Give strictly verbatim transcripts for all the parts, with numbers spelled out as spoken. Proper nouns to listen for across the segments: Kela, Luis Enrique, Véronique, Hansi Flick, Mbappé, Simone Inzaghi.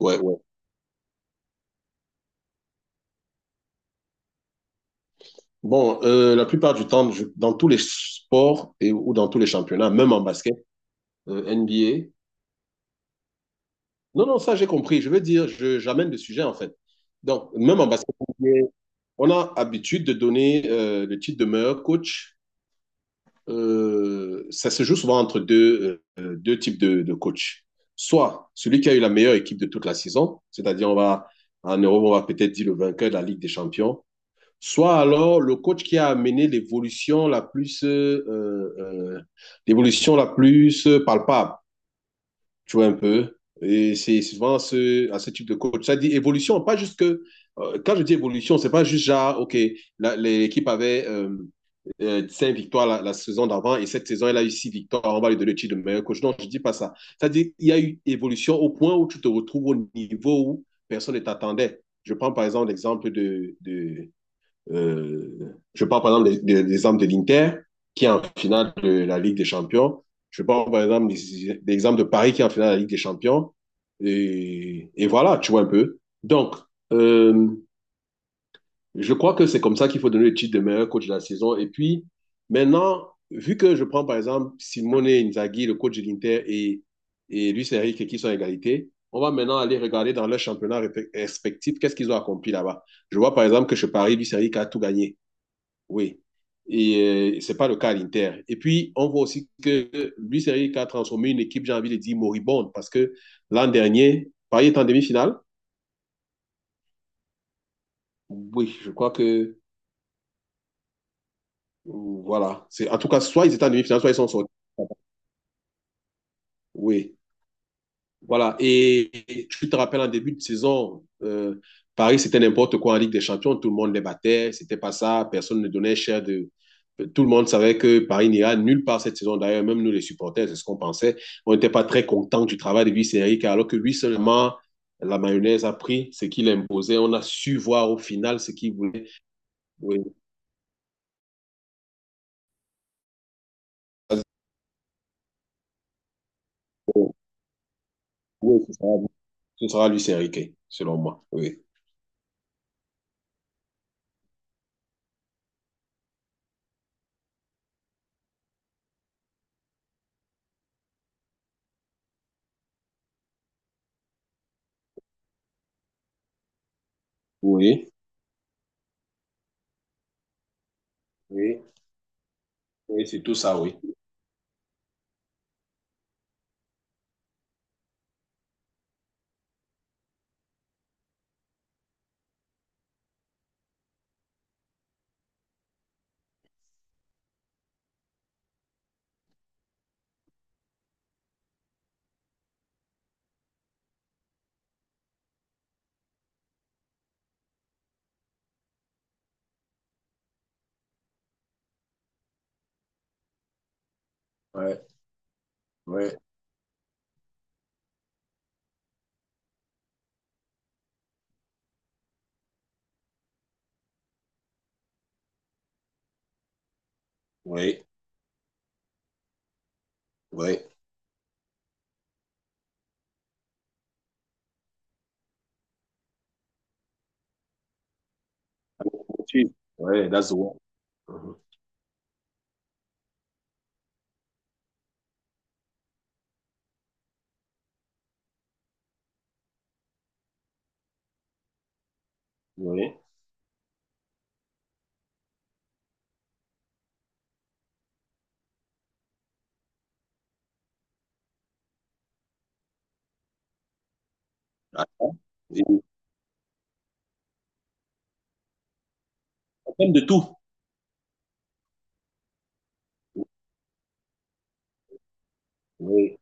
Ouais, ouais. Bon, euh, la plupart du temps, je- dans tous les sports et, ou dans tous les championnats, même en basket, euh, N B A. Non, non, ça j'ai compris. Je veux dire, je, j'amène le sujet en fait. Donc, même en basket, N B A, on a habitude de donner euh, le titre de meilleur coach. Euh, ça se joue souvent entre deux, euh, deux types de, de coachs. Soit celui qui a eu la meilleure équipe de toute la saison, c'est-à-dire on va en Europe, on va peut-être dire le vainqueur de la Ligue des Champions. Soit alors le coach qui a amené l'évolution la plus euh, euh, l'évolution la plus palpable, tu vois un peu. Et c'est souvent ce, à ce type de coach. Ça dit évolution, pas juste que euh, quand je dis évolution, c'est pas juste genre ok, la- l'équipe avait euh, euh, cinq victoires la, la saison d'avant et cette saison elle a eu six victoires. On va lui donner le titre de meilleur coach. Non, je dis pas ça. Ça dit il y a eu évolution au point où tu te retrouves au niveau où personne ne t'attendait. Je prends par exemple l'exemple de, de euh, je parle par exemple des, des exemples de l'Inter, qui est en finale de la Ligue des Champions. Je parle par exemple des, des exemples de Paris, qui est en finale de la Ligue des Champions. Et, et voilà, tu vois un peu. Donc, euh, je crois que c'est comme ça qu'il faut donner le titre de meilleur coach de la saison. Et puis, maintenant, vu que je prends par exemple Simone Inzaghi, le coach de l'Inter, et, et Luis Enrique qui sont à égalité, on va maintenant aller regarder dans leur championnat respectif qu'est-ce qu'ils ont accompli là-bas. Je vois par exemple que chez Paris, Luis Enrique a tout gagné. Oui. Et euh, c'est pas le cas à l'Inter. Et puis, on voit aussi que Luis Enrique a transformé une équipe, j'ai envie de dire, moribonde, parce que l'an dernier, Paris est en demi-finale. Oui, je crois que, euh, voilà. C'est, en tout cas, soit ils étaient en demi-finale, soit ils sont sortis. Oui. Voilà. Et, et tu te rappelles en début de saison, euh, Paris, c'était n'importe quoi en Ligue des Champions. Tout le monde les battait. C'était pas ça. Personne ne donnait cher de. euh, Tout le monde savait que Paris n'ira nulle part cette saison. D'ailleurs, même nous, les supporters, c'est ce qu'on pensait. On n'était pas très contents du travail de Luis Enrique alors que lui seulement, la mayonnaise a pris ce qu'il imposait. On a su voir au final ce qu'il voulait. Oui, oui, ce sera, ce sera Luis Enrique, selon moi. Oui. Oui, oui, oui, c'est tout ça, oui. Ouais, ouais, oui. Ouais. Tu- Ouais, that's the one. Mhm. Ouais. Attends. Et en termes de tout. Oui.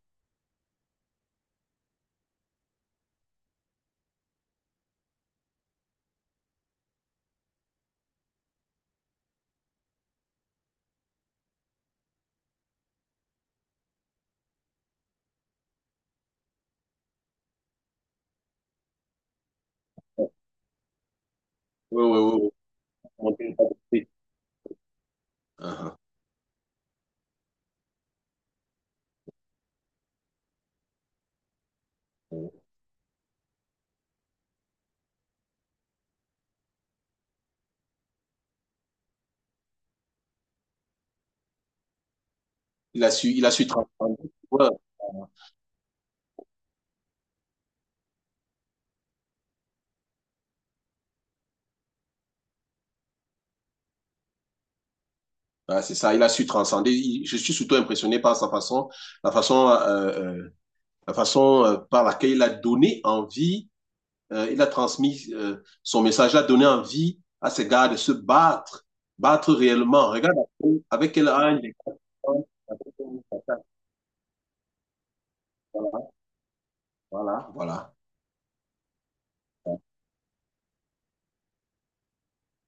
Oui, oui, oui, oui. Monter une capacité. Mhm. Ouais. Il a su, il a su transcender. Ouais. Ah, c'est ça, il a su transcender. Il- je suis surtout impressionné par sa façon, la façon, euh, euh, la façon euh, par laquelle il a donné envie, euh, il a transmis euh, son message, il a donné envie à ses gars de se battre, battre réellement. Regarde avec quel âge les gars se battent. Voilà, voilà, voilà.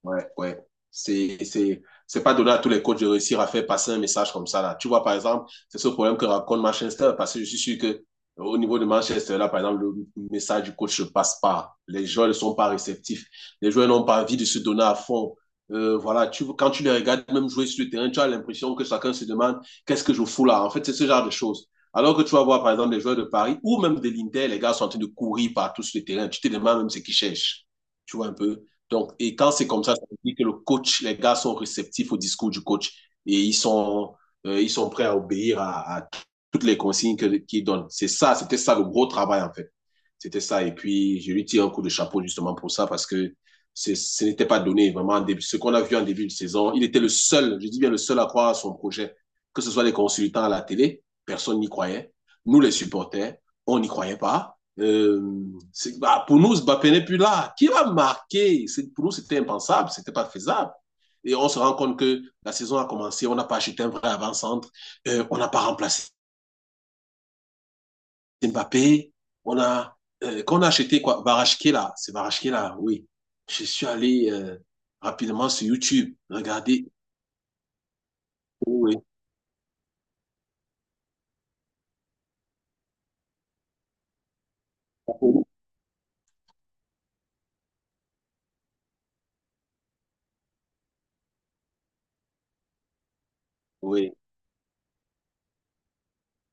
Ouais, ouais. C'est, c'est, c'est pas donné à tous les coachs de réussir à faire passer un message comme ça, là. Tu vois, par exemple, c'est ce problème que raconte Manchester, parce que je suis sûr que euh, au niveau de Manchester, là, par exemple, le message du coach ne passe pas. Les joueurs ne sont pas réceptifs. Les joueurs n'ont pas envie de se donner à fond. Euh, voilà, tu, quand tu les regardes même jouer sur le terrain, tu as l'impression que chacun se demande qu'est-ce que je fous là. En fait, c'est ce genre de choses. Alors que tu vas voir, par exemple, des joueurs de Paris ou même de l'Inter, les gars sont en train de courir partout sur le terrain. Tu te demandes même ce qu'ils cherchent. Tu vois un peu. Donc, et quand c'est comme ça, ça veut dire que le coach, les gars sont réceptifs au discours du coach et ils sont, euh, ils sont prêts à obéir à, à toutes les consignes que- qu'il donne. C'est ça, c'était ça le gros travail en fait. C'était ça. Et puis, je lui tire un coup de chapeau justement pour ça parce que c'est- ce n'était pas donné vraiment. en début- Ce qu'on a vu en début de saison, il était le seul, je dis bien le seul à croire à son projet. Que ce soit les consultants à la télé, personne n'y croyait. Nous, les supporters, on n'y croyait pas. Euh, Bah, pour nous, Mbappé n'est plus là. Qui va marquer? Pour nous, c'était impensable, c'était pas faisable. Et on se rend compte que la saison a commencé, on n'a pas acheté un vrai avant-centre, euh, on n'a pas remplacé Mbappé, on a, euh, quand on a acheté quoi? Kela, c'est Kela, oui. Je suis allé euh, rapidement sur YouTube, regarder. Oui, oui,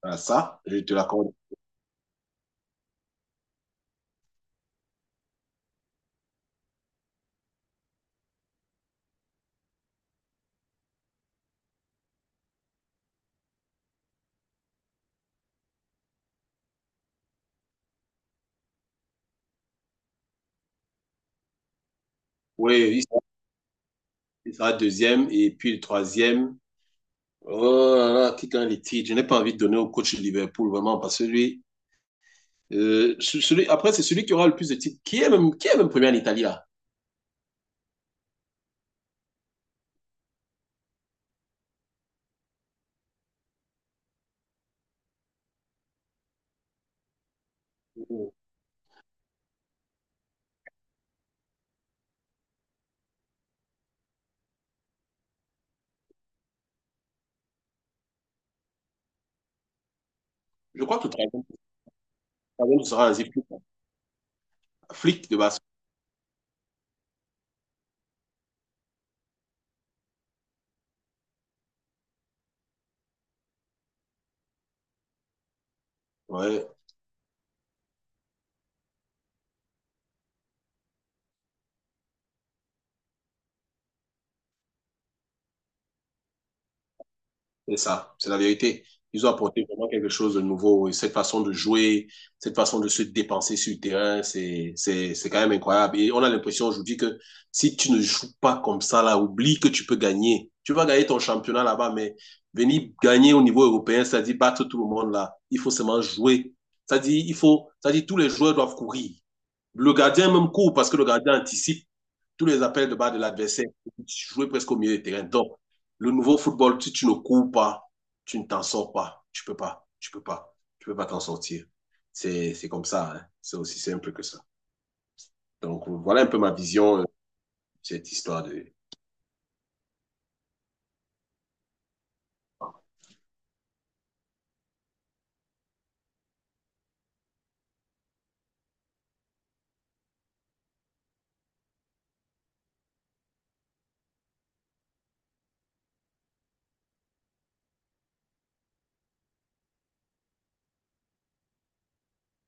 voilà, ça, je te l'accorde. Oui, il sera deuxième et puis le troisième. Oh là là, qui gagne les titres? Je n'ai pas envie de donner au coach de Liverpool, vraiment, parce que lui, euh, ce- celui, après, c'est celui qui aura le plus de titres. Qui est même, qui est même premier en Italie, là? Je crois que le troisième troisième sera Hansi Flick, hein. Flick de basket. C'est ça, c'est la vérité. Ils ont apporté vraiment quelque chose de nouveau. Et cette façon de jouer, cette façon de se dépenser sur le terrain, c'est, c'est, c'est quand même incroyable. Et on a l'impression aujourd'hui que si tu ne joues pas comme ça, là, oublie que tu peux gagner. Tu vas gagner ton championnat là-bas, mais venir gagner au niveau européen, c'est-à-dire battre tout le monde là. Il faut seulement jouer. C'est-à-dire, il faut, c'est-à-dire, tous les joueurs doivent courir. Le gardien même court parce que le gardien anticipe tous les appels de bas de l'adversaire, tu jouais presque au milieu de terrain. Donc, le nouveau football, si tu ne cours pas, tu ne t'en sors pas. Tu ne peux pas, tu ne peux pas, tu ne peux pas t'en sortir. C'est, c'est comme ça, hein. C'est aussi simple que ça. Donc, voilà un peu ma vision euh, de cette histoire de...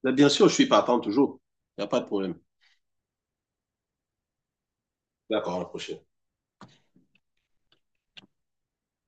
Mais bien sûr, je suis partant toujours. Il n'y a pas de problème. D'accord, à la prochaine.